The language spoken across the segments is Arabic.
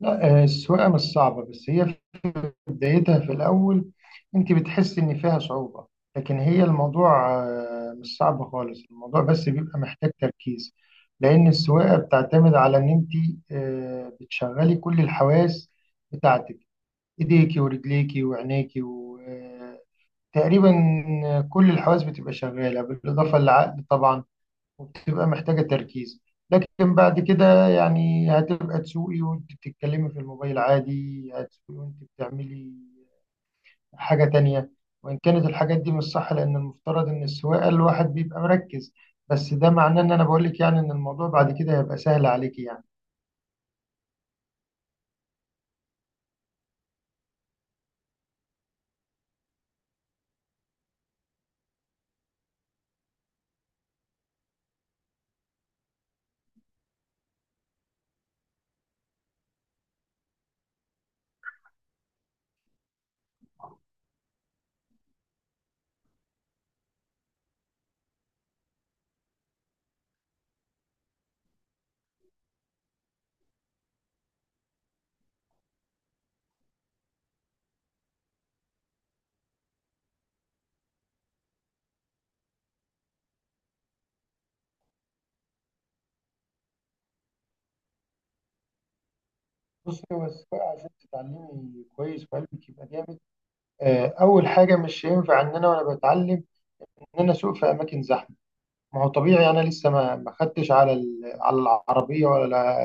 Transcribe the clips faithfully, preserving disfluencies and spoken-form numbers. لا، آه، السواقة مش صعبة بس هي في بدايتها في الأول. أنت بتحس إن فيها صعوبة، لكن هي الموضوع آه، مش صعب خالص. الموضوع بس بيبقى محتاج تركيز، لأن السواقة بتعتمد على إن أنت آه، بتشغلي كل الحواس بتاعتك. إيديكي ورجليكي وعينيكي، وتقريبا كل الحواس بتبقى شغالة بالإضافة للعقل طبعا، وبتبقى محتاجة تركيز. لكن بعد كده يعني هتبقى تسوقي وانت بتتكلمي في الموبايل عادي، هتسوقي وانت بتعملي حاجة تانية، وإن كانت الحاجات دي مش صح لأن المفترض إن السواقة الواحد بيبقى مركز. بس ده معناه إن أنا بقولك يعني إن الموضوع بعد كده هيبقى سهل عليكي يعني. بصي هو السواقة عشان تتعلمي كويس وقلبك يبقى جامد، آه، أول حاجة مش هينفع إن أنا وأنا بتعلم إن أنا أسوق في أماكن زحمة. ما هو طبيعي انا لسه ما ما خدتش على ال- على العربيه، ولا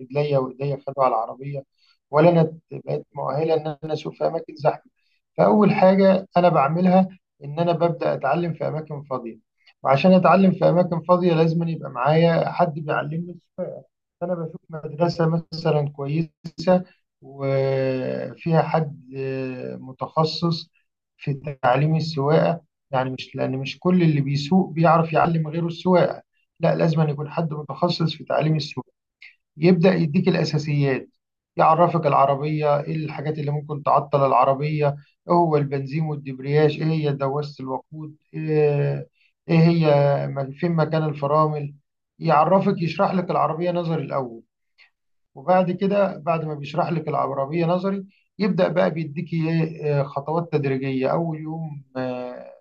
رجليا ورجليا خدوا على العربيه، ولا انا بقيت مؤهله ان انا اسوق في اماكن زحمه. فاول حاجه انا بعملها ان انا ببدا اتعلم في اماكن فاضيه، وعشان اتعلم في اماكن فاضيه لازم أن يبقى معايا حد بيعلمني السواقه. أنا بشوف مدرسة مثلا كويسة، وفيها حد متخصص في تعليم السواقة. يعني مش لأن مش كل اللي بيسوق بيعرف يعلم غيره السواقة، لا لازم أن يكون حد متخصص في تعليم السواقة. يبدأ يديك الأساسيات، يعرفك العربية إيه الحاجات اللي ممكن تعطل العربية، إيه هو البنزين والدبرياج، إيه هي دواسة الوقود، إيه إيه هي فين مكان الفرامل. يعرفك يشرح لك العربية نظري الأول، وبعد كده بعد ما بيشرح لك العبرمية نظري يبدأ بقى بيديكي ايه آه، خطوات تدريجية. أول يوم آه،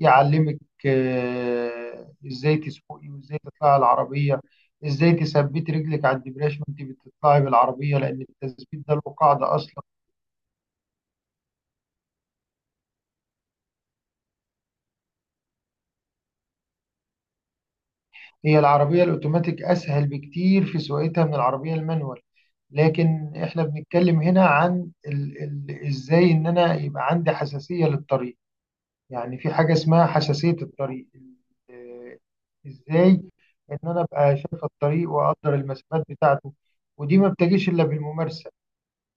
يعلمك آه، ازاي تسوقي وازاي تطلعي العربية، ازاي تثبتي رجلك على الدبريش وانت بتطلعي بالعربية لأن التثبيت ده له قاعدة أصلا. هي العربية الأوتوماتيك أسهل بكتير في سواقتها من العربية المانوال. لكن احنا بنتكلم هنا عن ال ال ازاي ان انا يبقى عندي حساسية للطريق. يعني في حاجة اسمها حساسية الطريق ال- ازاي ان انا ابقى شايف الطريق واقدر المسافات بتاعته. ودي ما بتجيش الا بالممارسة،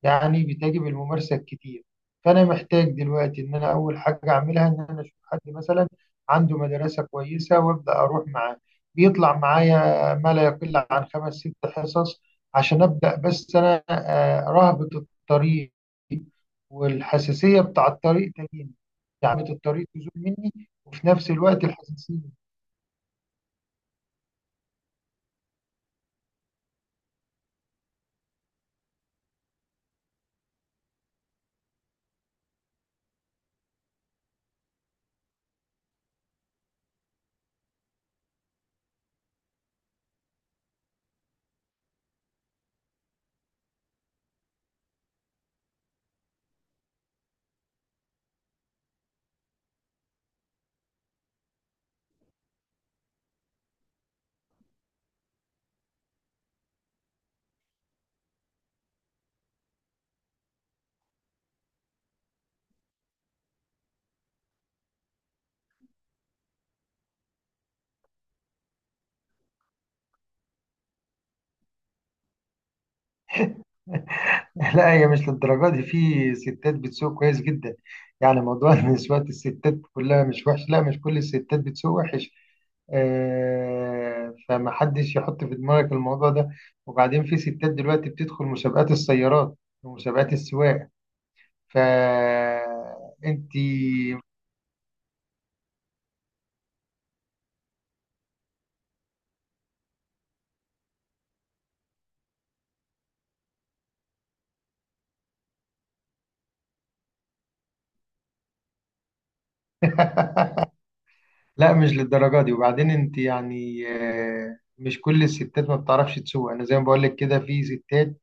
يعني بتجي بالممارسة الكتير. فانا محتاج دلوقتي ان انا اول حاجة اعملها ان انا اشوف حد مثلا عنده مدرسة كويسة وابدا اروح معاه، بيطلع معايا ما لا يقل عن خمس ست حصص عشان ابدا. بس انا آه، رهبة الطريق والحساسية بتاع الطريق تجيني، يعني الطريق تزول مني وفي نفس الوقت الحساسية. لا هي مش للدرجة دي. في ستات بتسوق كويس جدا، يعني موضوع ان سواقة الستات كلها مش وحش، لا مش كل الستات بتسوق وحش. آه، فمحدش يحط في دماغك الموضوع ده. وبعدين في ستات دلوقتي بتدخل مسابقات السيارات ومسابقات السواقة، فانت. لا مش للدرجة دي. وبعدين انت يعني آه، مش كل الستات ما بتعرفش تسوق. انا زي ما بقول لك كده في ستات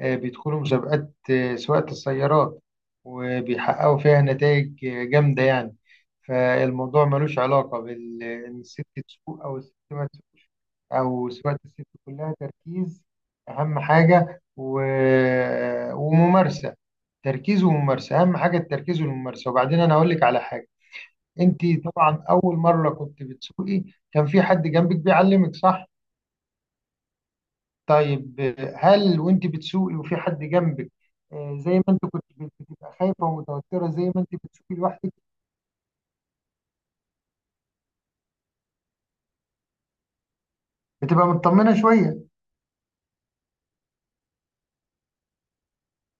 آه، بيدخلوا مسابقات آه، سواقة السيارات، وبيحققوا فيها نتائج آه، جامدة يعني. فالموضوع ملوش علاقة بال ان الست تسوق او الست ما تسوق، او سواقة الست كلها تركيز. اهم حاجة و... آه، وممارسة، تركيز وممارسة. اهم حاجة التركيز والممارسة. وبعدين انا هقول لك على حاجة. انت طبعا اول مره كنت بتسوقي كان في حد جنبك بيعلمك، صح؟ طيب آه، هل وانت بتسوقي وفي حد جنبك آه، زي ما انت كنت بت- بتبقى خايفه ومتوتره زي ما انت بتسوقي لوحدك؟ بتبقى مطمنه شويه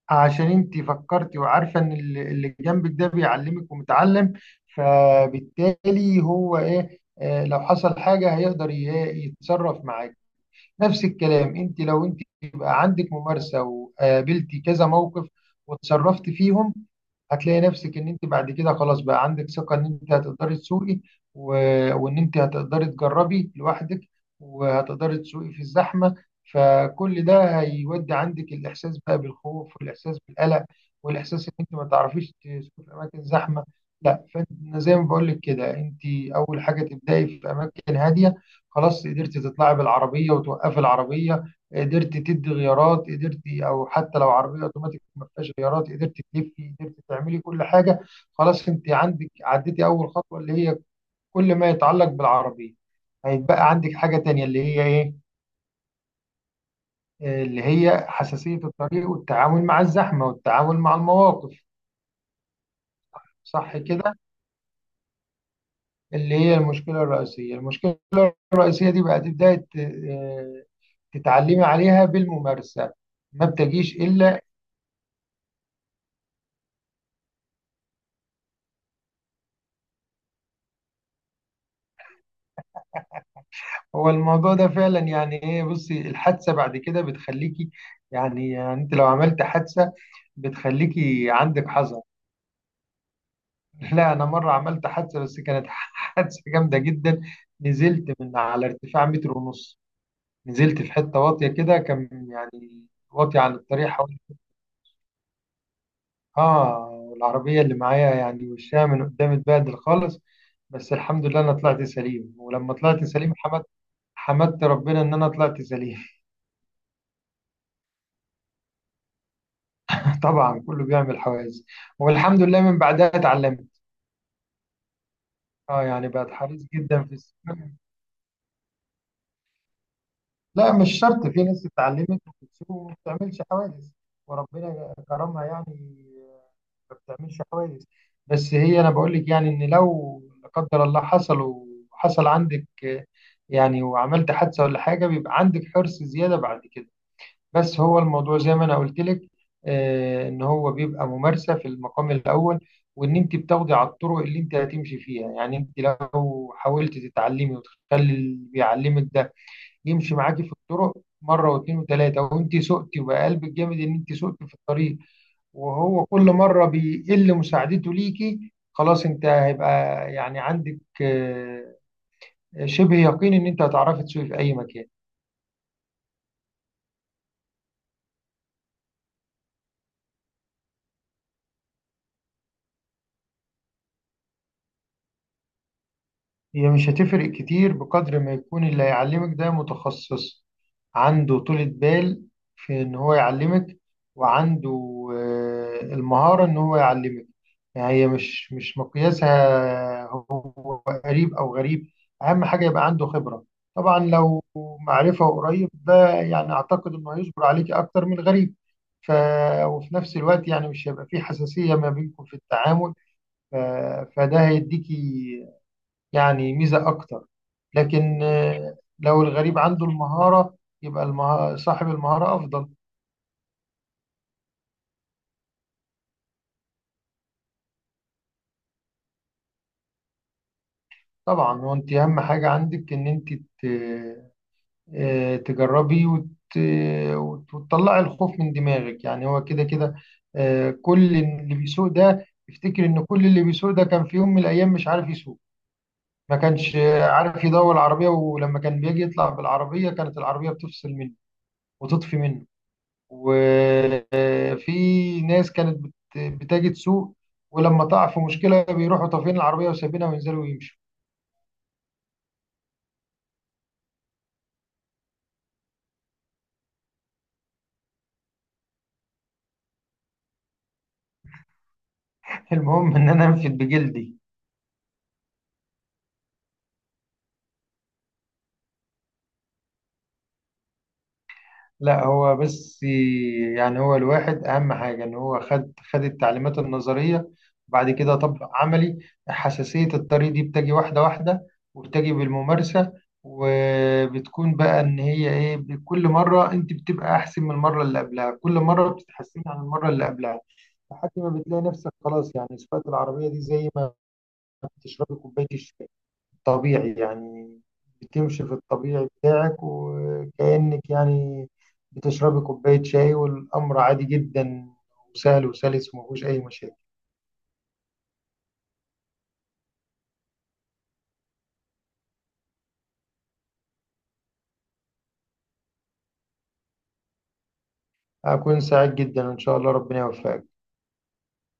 عشان انت فكرتي وعارفه ان ال- اللي جنبك ده بيعلمك ومتعلم، فبالتالي هو ايه آه، لو حصل حاجه هيقدر ي- يتصرف معاك. نفس الكلام انت لو انت يبقى عندك ممارسه وقابلتي كذا موقف وتصرفت فيهم، هتلاقي نفسك ان انت بعد كده خلاص بقى عندك ثقه ان انت هتقدري تسوقي، و... وان انت هتقدري تجربي لوحدك، وهتقدري تسوقي في الزحمه. فكل ده هيودي عندك الاحساس بقى بالخوف والاحساس بالقلق والاحساس ان انت ما تعرفيش تسوقي في اماكن زحمه. لا فانت زي ما بقول لك كده انت اول حاجه تبداي في اماكن هاديه. خلاص قدرت تطلعي بالعربية وتوقفي العربية، قدرت تدي غيارات، قدرت أو حتى لو عربية أوتوماتيك ما فيهاش غيارات قدرت تلفي، قدرت تعملي كل حاجة، خلاص أنت عندك عديتي أول خطوة اللي هي كل ما يتعلق بالعربية. هيتبقى عندك حاجة تانية اللي هي إيه؟ اللي هي حساسية الطريق والتعامل مع الزحمة والتعامل مع المواقف. صح كده. اللي هي المشكلة الرئيسية. المشكلة الرئيسية دي بقى تبدأي ت- آه، تتعلمي عليها بالممارسة، ما بتجيش إلا. هو الموضوع ده فعلا يعني ايه، بصي الحادثه بعد كده بتخليكي، يعني, يعني انت لو عملت حادثه بتخليكي عندك حذر. لا انا مره عملت حادثه بس كانت حادثه جامده جدا. نزلت من على ارتفاع متر ونص، نزلت في حته واطيه كده، كان يعني واطيه عن الطريق حوالي. اه العربيه اللي معايا يعني وشها من قدام اتبهدل خالص. بس الحمد لله انا طلعت سليم، ولما طلعت سليم حمدت حمدت ربنا ان انا طلعت سليم. طبعا كله بيعمل حواجز، والحمد لله من بعدها اتعلمت. اه يعني بقت حريص جدا في السوق. لا مش شرط، في ناس اتعلمت وبتسوق وما بتعملش حواجز، وربنا كرمها يعني ما بتعملش حواجز. بس هي انا بقول لك يعني ان لو لا قدر الله حصل وحصل عندك يعني وعملت حادثه ولا حاجه، بيبقى عندك حرص زياده بعد كده. بس هو الموضوع زي ما انا قلت لك آه، ان هو بيبقى ممارسه في المقام الاول. وان انت بتاخدي على الطرق اللي انت هتمشي فيها، يعني انت لو حاولت تتعلمي وتخلي اللي بيعلمك ده يمشي معاكي في الطرق مره واثنين وثلاثه وانت سقتي، وبقى قلبك جامد ان انت سقتي في الطريق، وهو كل مره بيقل مساعدته ليكي، خلاص انت هيبقى يعني عندك آه، شبه يقين ان انت هتعرفي تسوقي في اي مكان. هي مش هتفرق كتير بقدر ما يكون اللي هيعلمك ده متخصص، عنده طولة بال في إن هو يعلمك، وعنده آه، المهارة إن هو يعلمك. يعني هي مش مش مقياسها هو قريب أو غريب. أهم حاجة يبقى عنده خبرة. طبعا لو معرفة وقريب ده يعني أعتقد إنه هيصبر عليك أكتر من الغريب، ف... وفي نفس الوقت يعني مش هيبقى فيه حساسية ما بينكم في التعامل، ف... فده هيديكي يعني ميزة أكتر. لكن آه، لو الغريب عنده المهارة يبقى المهارة، صاحب المهارة أفضل. طبعا وأنت أهم حاجة عندك إن أنت ت- آه، تجربي وت- وت- وتطلعي الخوف من دماغك. يعني هو كده كده آه، كل اللي بيسوق ده يفتكر إن كل اللي بيسوق ده كان في يوم من الأيام مش عارف يسوق. ما كانش آه، عارف يدور العربية، ولما كان بيجي يطلع بالعربية كانت العربية بتفصل منه وتطفي منه. في ناس كانت بت- بتجد سوق، ولما تقع في مشكلة بيروحوا طافين العربية وسابينها وينزلوا ويمشوا. المهم إن أنا أنفد بجلدي. لا هو بس يعني هو الواحد أهم حاجة إن هو خد خد التعليمات النظرية وبعد كده طبق عملي. حساسية الطريق دي بتجي واحدة واحدة، وبتجي بالممارسة. وبتكون بقى إن هي إيه كل مرة أنت بتبقى أحسن من المرة اللي قبلها، كل مرة بتتحسني عن المرة اللي قبلها، لحد ما بتلاقي نفسك خلاص. يعني سواقة العربية دي زي ما بتشربي كوباية الشاي، طبيعي يعني بتمشي في الطبيعي بتاعك، وكأنك يعني بتشربي كوباية شاي والأمر عادي جدا وسهل وسلس ومفيهوش أي مشاكل. هكون سعيد جدا وإن شاء الله ربنا يوفقك.